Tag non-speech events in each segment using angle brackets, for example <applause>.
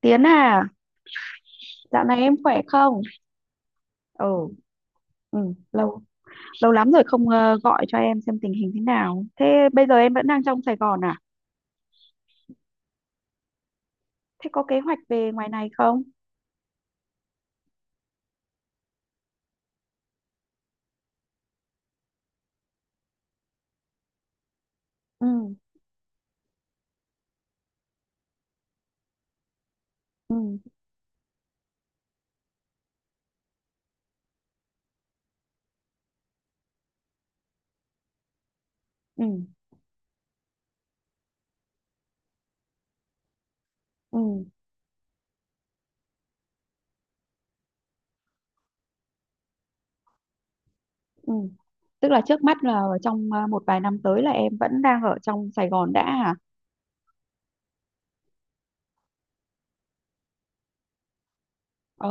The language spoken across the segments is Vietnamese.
Tiến à, dạo này em khỏe không? Ừ, ừ, lâu lâu lắm rồi không gọi cho em xem tình hình thế nào. Thế bây giờ em vẫn đang trong Sài Gòn à? Thế có kế hoạch về ngoài này không? Ừ, ừ, ừ, ừ, ừ. Tức là trước mắt là trong một vài năm tới là em vẫn đang ở trong Sài Gòn đã à? Ờ,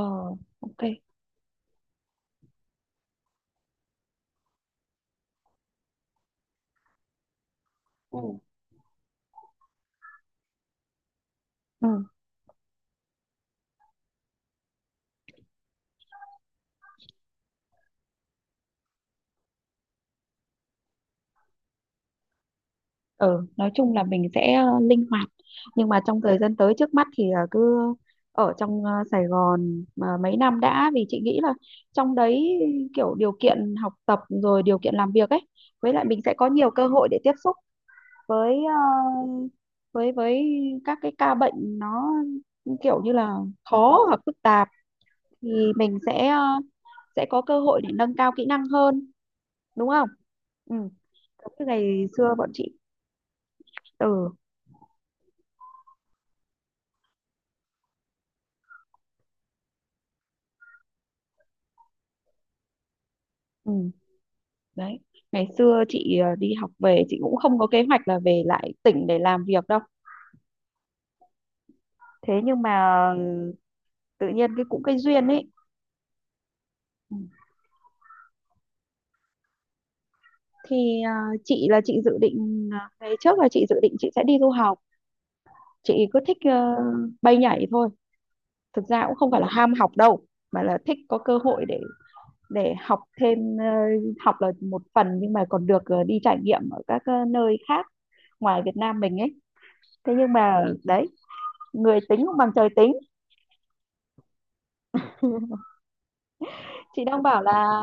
ok. Ừ. Ừ. Ừ, nói chung là mình sẽ linh hoạt, nhưng mà trong thời gian tới trước mắt thì là cứ ở trong Sài Gòn mà mấy năm đã, vì chị nghĩ là trong đấy kiểu điều kiện học tập rồi điều kiện làm việc ấy, với lại mình sẽ có nhiều cơ hội để tiếp xúc với với các cái ca bệnh nó kiểu như là khó hoặc phức tạp, thì mình sẽ sẽ có cơ hội để nâng cao kỹ năng hơn, đúng không. Ừ, giống như ngày xưa bọn chị. Ừ, ừ đấy, ngày xưa chị đi học về chị cũng không có kế hoạch là về lại tỉnh để làm việc đâu. Thế nhưng mà ừ, tự nhiên cái cũng cái duyên ấy. Ừ. Thì chị là chị dự định ngày trước là chị dự định chị sẽ đi du học, chị cứ thích bay nhảy thôi. Thực ra cũng không phải là ham học đâu, mà là thích có cơ hội để học thêm học là một phần nhưng mà còn được đi trải nghiệm ở các nơi khác ngoài Việt Nam mình ấy. Thế nhưng mà đấy, người tính không bằng trời tính. Chị đang bảo là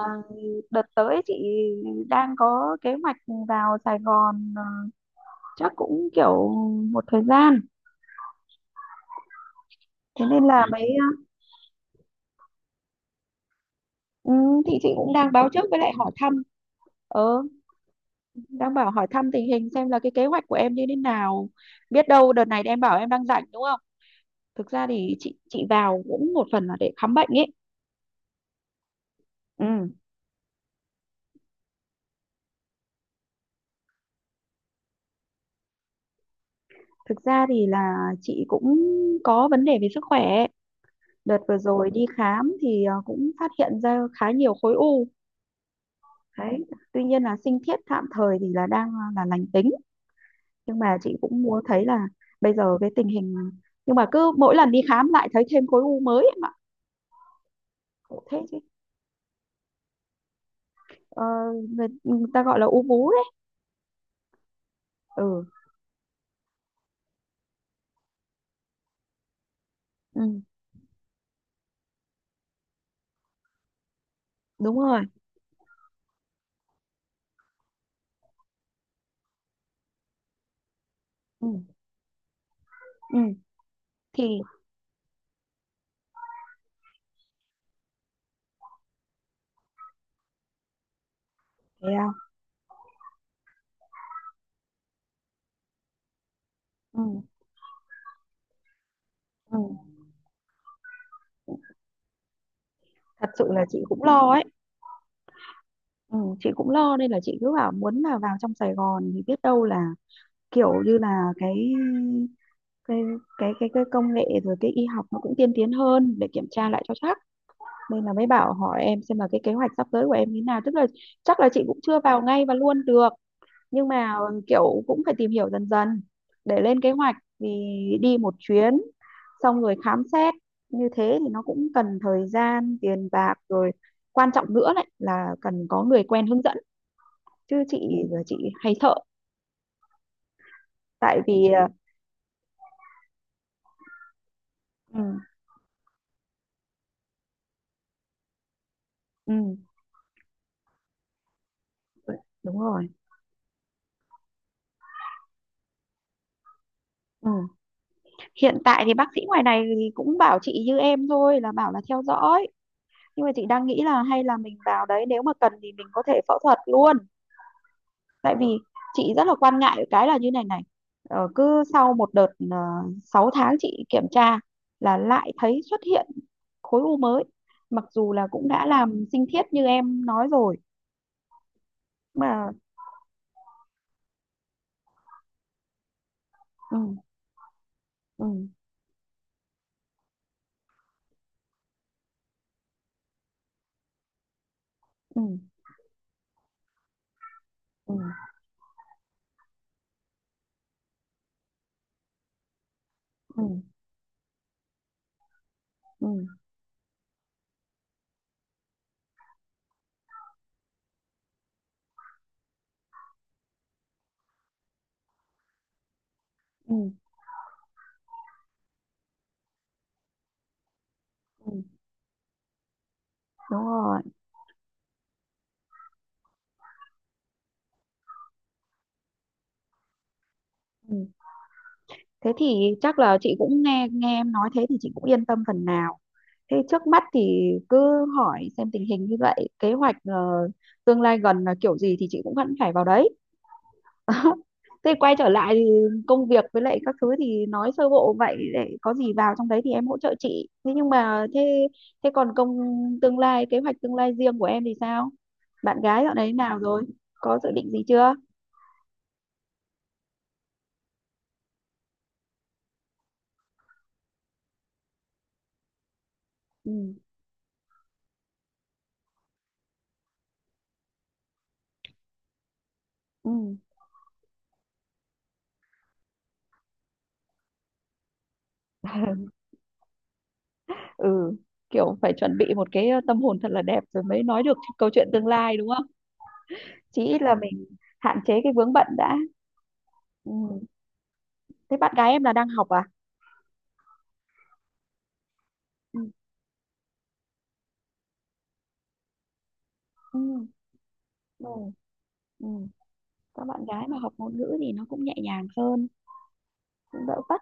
đợt tới chị đang có kế hoạch vào Sài Gòn, chắc cũng kiểu một thời gian. Thế nên là ừ, mấy ờ, ừ, thì chị cũng đang báo trước với lại hỏi thăm. Ờ, đang bảo hỏi thăm tình hình xem là cái kế hoạch của em như thế nào, biết đâu đợt này em bảo em đang rảnh đúng không. Thực ra thì chị vào cũng một phần là để khám bệnh ấy. Ừ. Thực ra thì là chị cũng có vấn đề về sức khỏe, đợt vừa rồi đi khám thì cũng phát hiện ra khá nhiều khối u. Đấy, tuy nhiên là sinh thiết tạm thời thì là đang là lành tính, nhưng mà chị cũng muốn thấy là bây giờ cái tình hình nhưng mà cứ mỗi lần đi khám lại thấy thêm khối u mới em ạ. Khổ thế chứ. Ờ, người, ừ, người ta gọi là u vú đấy. Ừ, ừ đúng rồi. Ừ, ừ. Thì thế à? Ừ, ừ. Thật sự là chị cũng lo ấy. Ừ, chị cũng lo nên là chị cứ bảo muốn là vào trong Sài Gòn, thì biết đâu là kiểu như là cái cái công nghệ rồi cái y học nó cũng tiên tiến hơn để kiểm tra lại cho chắc. Nên là mới bảo hỏi em xem là cái kế hoạch sắp tới của em như thế nào, tức là chắc là chị cũng chưa vào ngay và luôn được, nhưng mà kiểu cũng phải tìm hiểu dần dần để lên kế hoạch, vì đi một chuyến xong rồi khám xét như thế thì nó cũng cần thời gian tiền bạc rồi, quan trọng nữa lại là cần có người quen hướng dẫn. Chứ chị hay sợ, tại vì ừ, ừ, đúng rồi. Ừ. Hiện tại thì bác sĩ ngoài này thì cũng bảo chị như em thôi, là bảo là theo dõi, nhưng mà chị đang nghĩ là hay là mình vào đấy, nếu mà cần thì mình có thể phẫu thuật luôn. Tại vì chị rất là quan ngại cái là như này này, cứ sau một đợt 6 tháng chị kiểm tra là lại thấy xuất hiện khối u mới, mặc dù là cũng đã làm sinh thiết như em nói rồi mà. Ừ, ừ, ừ, ừ, ừ, ừ, ừ, ừ. Đúng rồi. Thế thì chắc là chị cũng nghe nghe em nói thế thì chị cũng yên tâm phần nào. Thế trước mắt thì cứ hỏi xem tình hình như vậy, kế hoạch tương lai gần là kiểu gì thì chị cũng vẫn phải vào đấy. <laughs> Thế quay trở lại thì công việc với lại các thứ thì nói sơ bộ vậy, để có gì vào trong đấy thì em hỗ trợ chị. Thế nhưng mà thế thế còn công tương lai, kế hoạch tương lai riêng của em thì sao? Bạn gái dạo đấy nào rồi? Có dự định gì chưa? Ừ. Ừ. Ừ. Kiểu phải chuẩn bị một cái tâm hồn thật là đẹp rồi mới nói được câu chuyện tương lai đúng không? Chí ít là mình hạn chế cái vướng bận đã. Ừ. Thế bạn gái em là đang học à. Ừ. Ừ. Ừ. Ừ. Các bạn gái mà học ngôn ngữ thì nó cũng nhẹ nhàng hơn, cũng đỡ vất.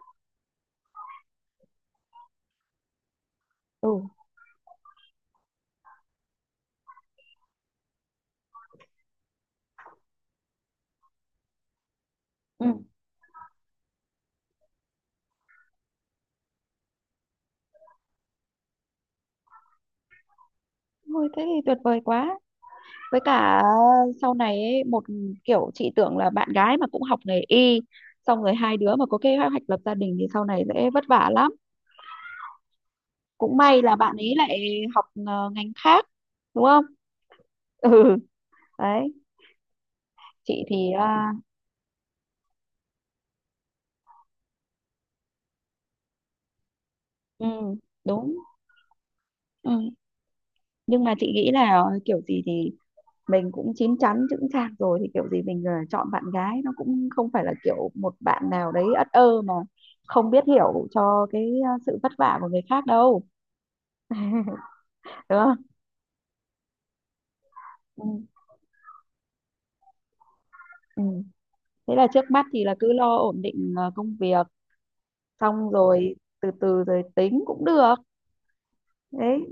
Ừ. Ừ. Thôi thế thì tuyệt vời quá. Với cả sau này ấy, một kiểu chị tưởng là bạn gái mà cũng học nghề y, xong rồi hai đứa mà có kế hoạch lập gia đình thì sau này sẽ vất vả lắm. Cũng may là bạn ấy lại học ngành khác, đúng không. Ừ, đấy. Chị thì à, ừ đúng. Ừ. Nhưng mà chị nghĩ là kiểu gì thì mình cũng chín chắn chững chạc rồi, thì kiểu gì mình chọn bạn gái nó cũng không phải là kiểu một bạn nào đấy ất ơ mà không biết hiểu cho cái sự vất vả của người khác đâu. <laughs> Đúng không. Ừ. Ừ. Thế là trước mắt thì là cứ lo ổn định công việc, xong rồi từ từ rồi tính cũng được. Đấy,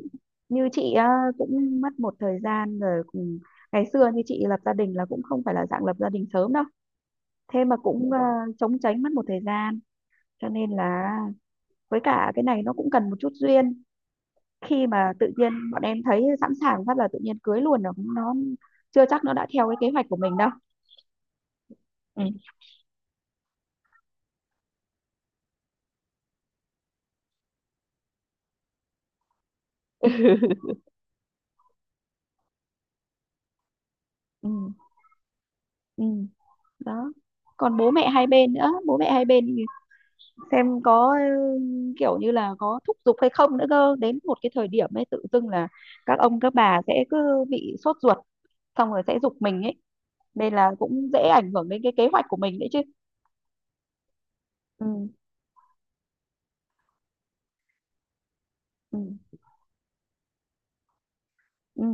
như chị á, cũng mất một thời gian rồi cùng. Ngày xưa như chị lập gia đình là cũng không phải là dạng lập gia đình sớm đâu, thế mà cũng chống chánh mất một thời gian. Cho nên là với cả cái này nó cũng cần một chút duyên, khi mà tự nhiên bọn em thấy sẵn sàng phát là tự nhiên cưới luôn rồi nó chưa chắc nó đã theo cái kế hoạch của mình đâu. Ừ. <laughs> Ừ. Ừ. Đó, còn bố mẹ hai bên nữa, bố mẹ hai bên thì xem có ừ, kiểu như là có thúc giục hay không nữa cơ, đến một cái thời điểm ấy tự dưng là các ông các bà sẽ cứ bị sốt ruột, xong rồi sẽ giục mình ấy, nên là cũng dễ ảnh hưởng đến cái kế hoạch của mình đấy chứ. Ừ. Ừ. Ừ.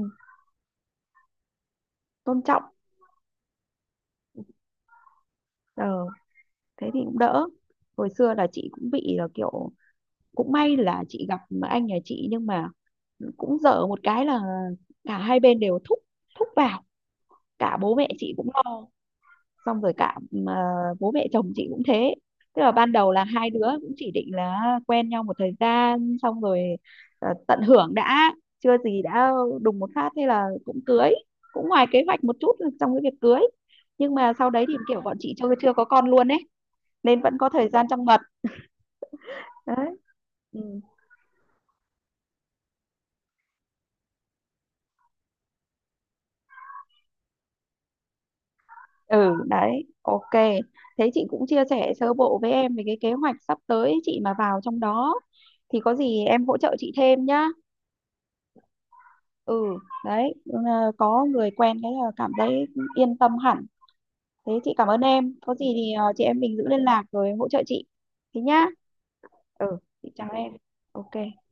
Tôn trọng. Ờ, thế thì cũng đỡ. Hồi xưa là chị cũng bị là kiểu, cũng may là chị gặp anh nhà chị, nhưng mà cũng dở một cái là cả hai bên đều thúc, thúc vào. Cả bố mẹ chị cũng lo, xong rồi cả ờ, bố mẹ chồng chị cũng thế. Tức là ban đầu là hai đứa cũng chỉ định là quen nhau một thời gian, xong rồi tận hưởng đã, chưa gì đã đùng một phát thế là cũng cưới, cũng ngoài kế hoạch một chút trong cái việc cưới. Nhưng mà sau đấy thì kiểu bọn chị chưa chưa có con luôn ấy, nên vẫn có thời gian trong bầu. Đấy. Ừ. Ừ đấy, ok, thế chị cũng chia sẻ sơ bộ với em về cái kế hoạch sắp tới, chị mà vào trong đó thì có gì em hỗ trợ chị thêm nhá. Ừ, đấy, ừ, ờ, có người quen cái là cảm thấy yên tâm hẳn. Thế chị cảm ơn em, có gì thì chị em mình giữ liên lạc rồi em hỗ trợ chị. Thế nhá. Ừ, chị chào em. Ok.